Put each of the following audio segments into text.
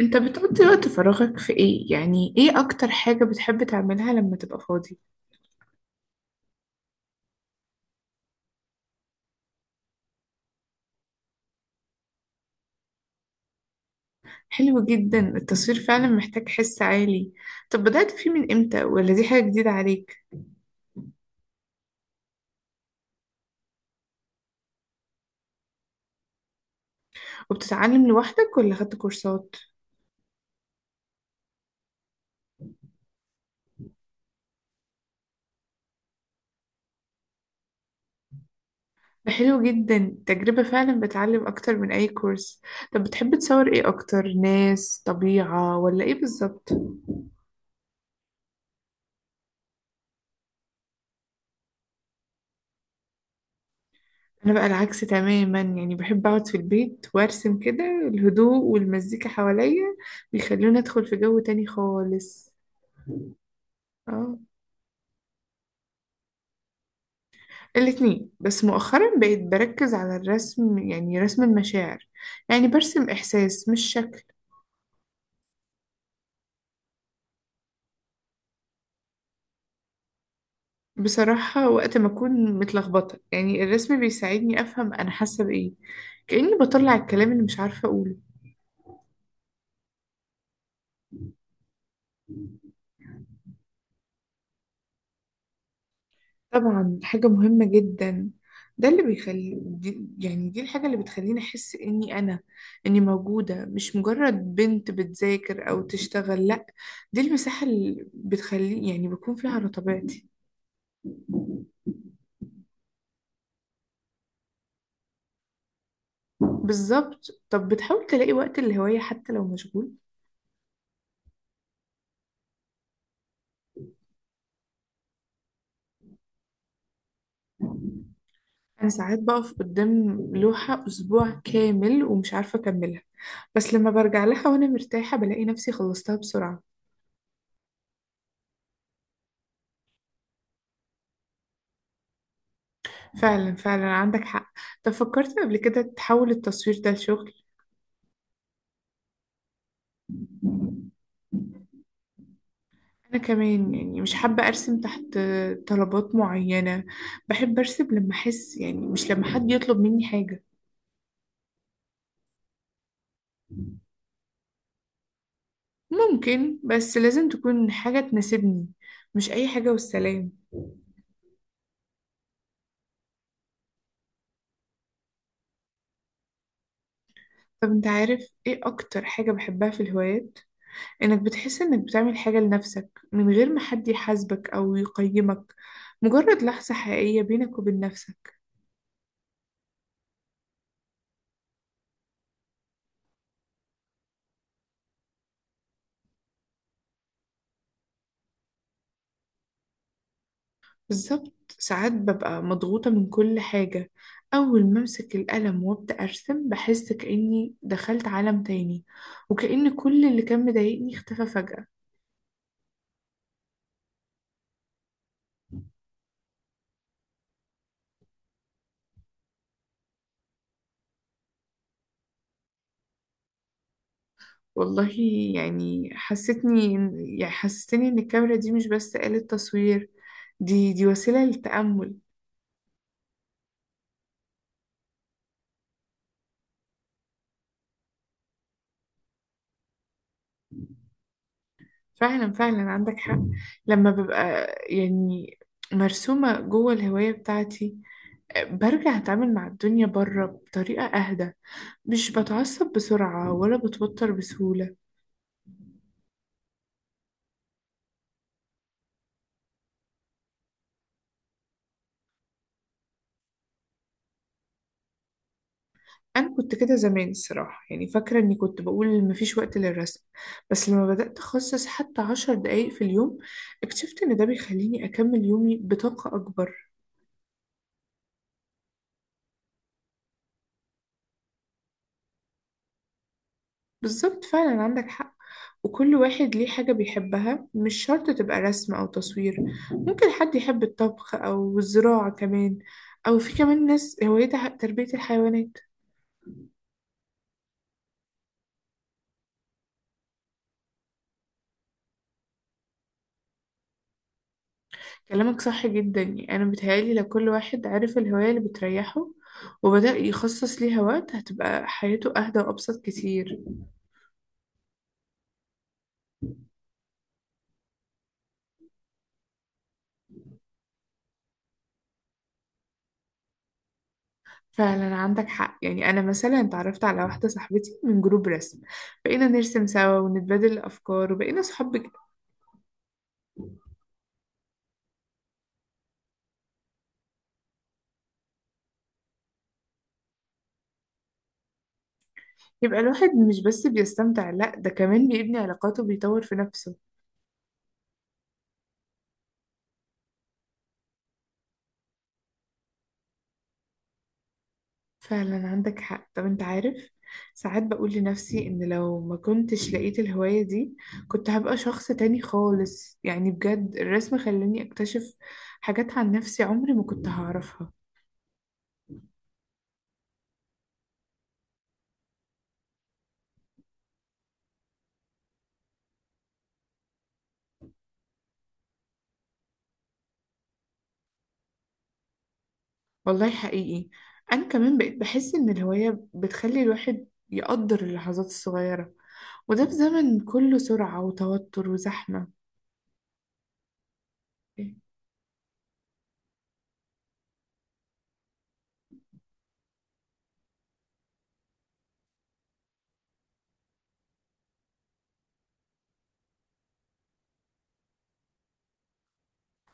انت بتقضي وقت فراغك في ايه؟ يعني ايه اكتر حاجة بتحب تعملها لما تبقى فاضي؟ حلو جدا، التصوير فعلا محتاج حس عالي. طب بدأت فيه من امتى، ولا دي حاجة جديدة عليك؟ وبتتعلم لوحدك ولا خدت كورسات؟ ده حلو جدا، تجربة فعلا بتعلم اكتر من اي كورس. طب بتحب تصور ايه اكتر؟ ناس، طبيعة، ولا ايه بالظبط؟ انا بقى العكس تماما، يعني بحب اقعد في البيت وارسم، كده الهدوء والمزيكا حواليا بيخلوني ادخل في جو تاني خالص. اه، الاتنين، بس مؤخرا بقيت بركز على الرسم، يعني رسم المشاعر. يعني برسم إحساس مش شكل. بصراحة وقت ما أكون متلخبطة، الرسم بيساعدني أفهم أنا حاسة بإيه، كأني بطلع الكلام اللي مش عارفة أقوله. طبعا حاجة مهمة جدا. ده اللي بيخلي دي الحاجة اللي بتخليني أحس إني أنا، إني موجودة، مش مجرد بنت بتذاكر أو تشتغل. لأ، دي المساحة اللي بتخلي بكون فيها على طبيعتي. بالظبط. طب بتحاول تلاقي وقت الهواية حتى لو مشغول؟ أنا ساعات بقف قدام لوحة أسبوع كامل ومش عارفة أكملها، بس لما برجع لها وأنا مرتاحة بلاقي نفسي خلصتها بسرعة. فعلا فعلا عندك حق. طب فكرت قبل كده تحول التصوير ده لشغل؟ أنا كمان مش حابة أرسم تحت طلبات معينة. بحب أرسم لما أحس، يعني مش لما حد يطلب مني حاجة. ممكن، بس لازم تكون حاجة تناسبني، مش أي حاجة والسلام. طب أنت عارف إيه أكتر حاجة بحبها في الهوايات؟ إنك بتحس إنك بتعمل حاجة لنفسك من غير ما حد يحاسبك أو يقيمك. مجرد لحظة حقيقية بينك وبين نفسك. بالظبط. ساعات ببقى مضغوطة من كل حاجة، أول ما أمسك القلم وأبدأ أرسم بحس كأني دخلت عالم تاني، وكأن كل اللي كان مضايقني اختفى فجأة. والله يعني حسيتني إن- يعني حسستني ان الكاميرا دي مش بس آلة تصوير، دي وسيلة للتأمل. فعلا فعلا عندك حق. لما ببقى مرسومة جوه الهواية بتاعتي، برجع أتعامل مع الدنيا بره بطريقة أهدى، مش بتعصب بسرعة ولا بتوتر بسهولة. انا كنت كده زمان الصراحه، يعني فاكره اني كنت بقول مفيش وقت للرسم، بس لما بدات اخصص حتى 10 دقايق في اليوم اكتشفت ان ده بيخليني اكمل يومي بطاقه اكبر. بالظبط، فعلا عندك حق. وكل واحد ليه حاجه بيحبها، مش شرط تبقى رسم او تصوير، ممكن حد يحب الطبخ او الزراعه كمان، او في كمان ناس هوايتها تربيه الحيوانات. كلامك صح جدا، يعني أنا بتهيألي لو كل واحد عرف الهواية اللي بتريحه وبدأ يخصص ليها وقت هتبقى حياته أهدى وأبسط كتير. فعلا عندك حق. يعني أنا مثلا اتعرفت على واحدة صاحبتي من جروب رسم، بقينا نرسم سوا ونتبادل الأفكار وبقينا صحاب بجد. يبقى الواحد مش بس بيستمتع، لأ ده كمان بيبني علاقاته وبيطور في نفسه. فعلا عندك حق. طب انت عارف، ساعات بقول لنفسي ان لو ما كنتش لقيت الهواية دي كنت هبقى شخص تاني خالص، يعني بجد الرسم خلاني اكتشف حاجات عن نفسي عمري ما كنت هعرفها. والله حقيقي. انا كمان بقيت بحس ان الهواية بتخلي الواحد يقدر اللحظات الصغيرة، وده في زمن كله سرعة وتوتر وزحمة.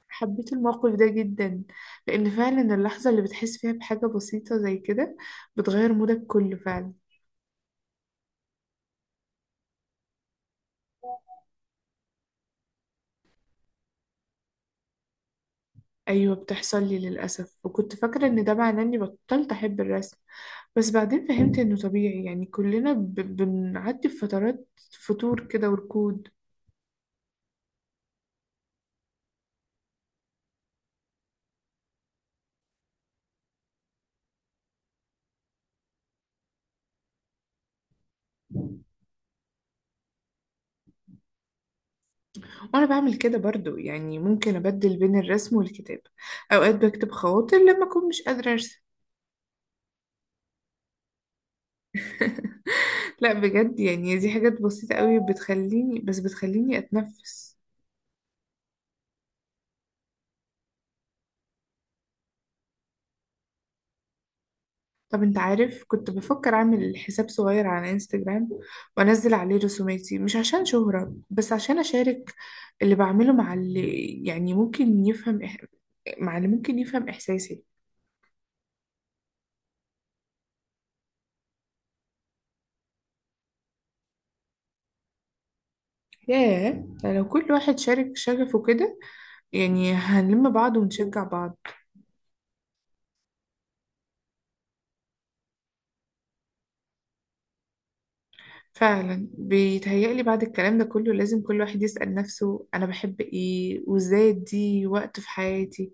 حبيت الموقف ده جدا، لأن فعلا اللحظة اللي بتحس فيها بحاجة بسيطة زي كده بتغير مودك كله فعلا. أيوة، بتحصل لي للأسف، وكنت فاكرة إن ده معناه إني بطلت أحب الرسم، بس بعدين فهمت إنه طبيعي، يعني كلنا بنعدي بفترات فتور كده وركود. وأنا بعمل كده برضو، يعني ممكن أبدل بين الرسم والكتابة، أوقات بكتب خواطر لما أكون مش قادرة أرسم. لا بجد، يعني دي حاجات بسيطة قوي بتخليني أتنفس. طب انت عارف، كنت بفكر اعمل حساب صغير على انستجرام وانزل عليه رسوماتي، مش عشان شهرة بس عشان اشارك اللي بعمله مع اللي يعني ممكن يفهم إح... مع اللي ممكن يفهم إحساسي. ياه، ده لو كل واحد شارك شغفه كده، يعني هنلم بعض ونشجع بعض. فعلا بيتهيألي بعد الكلام ده كله لازم كل واحد يسأل نفسه أنا بحب إيه وإزاي أدي وقت في حياتي.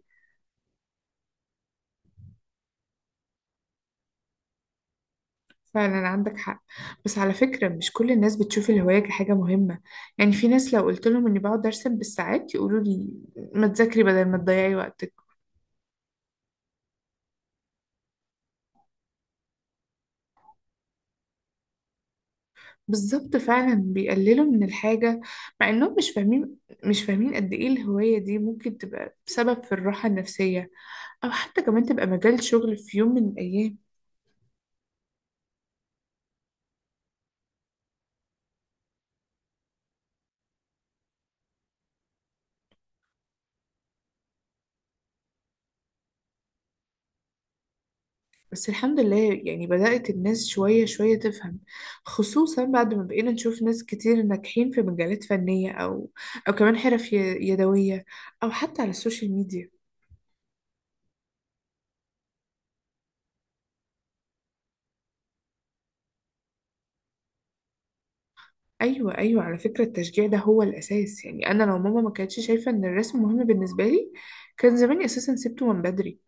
فعلا عندك حق. بس على فكرة مش كل الناس بتشوف الهواية كحاجة مهمة، يعني في ناس لو قلت لهم إني بقعد أرسم بالساعات يقولوا لي ما تذاكري بدل ما تضيعي وقتك. بالظبط، فعلا بيقللوا من الحاجة مع انهم مش فاهمين، مش فاهمين قد ايه الهواية دي ممكن تبقى سبب في الراحة النفسية، او حتى كمان تبقى مجال شغل في يوم من الايام. بس الحمد لله يعني بدأت الناس شوية شوية تفهم، خصوصا بعد ما بقينا نشوف ناس كتير ناجحين في مجالات فنية، او كمان يدوية، او حتى على السوشيال ميديا. ايوه ايوه، على فكرة التشجيع ده هو الاساس، يعني انا لو ماما ما كانتش شايفة ان الرسم مهم بالنسبة لي كان زماني اساسا سبته من بدري.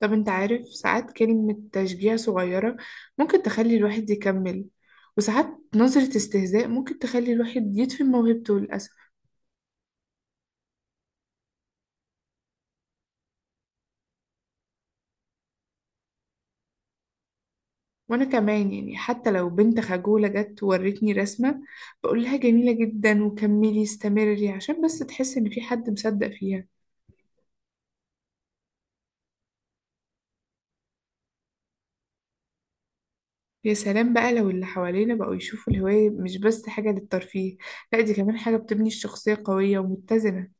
طب انت عارف، ساعات كلمة تشجيع صغيرة ممكن تخلي الواحد يكمل، وساعات نظرة استهزاء ممكن تخلي الواحد يدفن موهبته للأسف. وأنا كمان، يعني حتى لو بنت خجولة جت وورتني رسمة بقول لها جميلة جدا وكملي استمري، عشان بس تحس إن في حد مصدق فيها. يا سلام بقى لو اللي حوالينا بقوا يشوفوا الهواية مش بس حاجة للترفيه، لا دي كمان حاجة بتبني الشخصية قوية ومتزنة.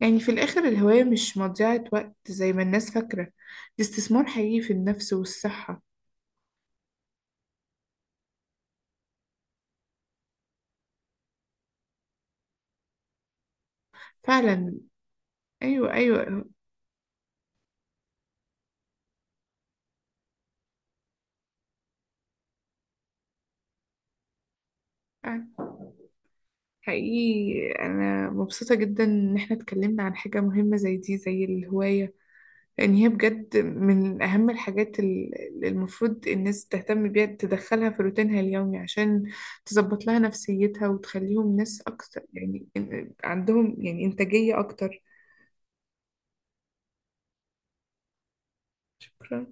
يعني في الآخر الهواية مش مضيعة وقت زي ما الناس فاكرة، دي استثمار حقيقي في النفس والصحة. فعلا. أيوة أيوة. حقيقي أنا مبسوطة جدا إن احنا اتكلمنا عن حاجة مهمة زي دي، زي الهواية، لأن هي بجد من أهم اللي المفروض الناس تهتم بيها تدخلها في روتينها اليومي عشان تظبط لها نفسيتها وتخليهم ناس أكتر، عندهم إنتاجية أكتر. شكرا.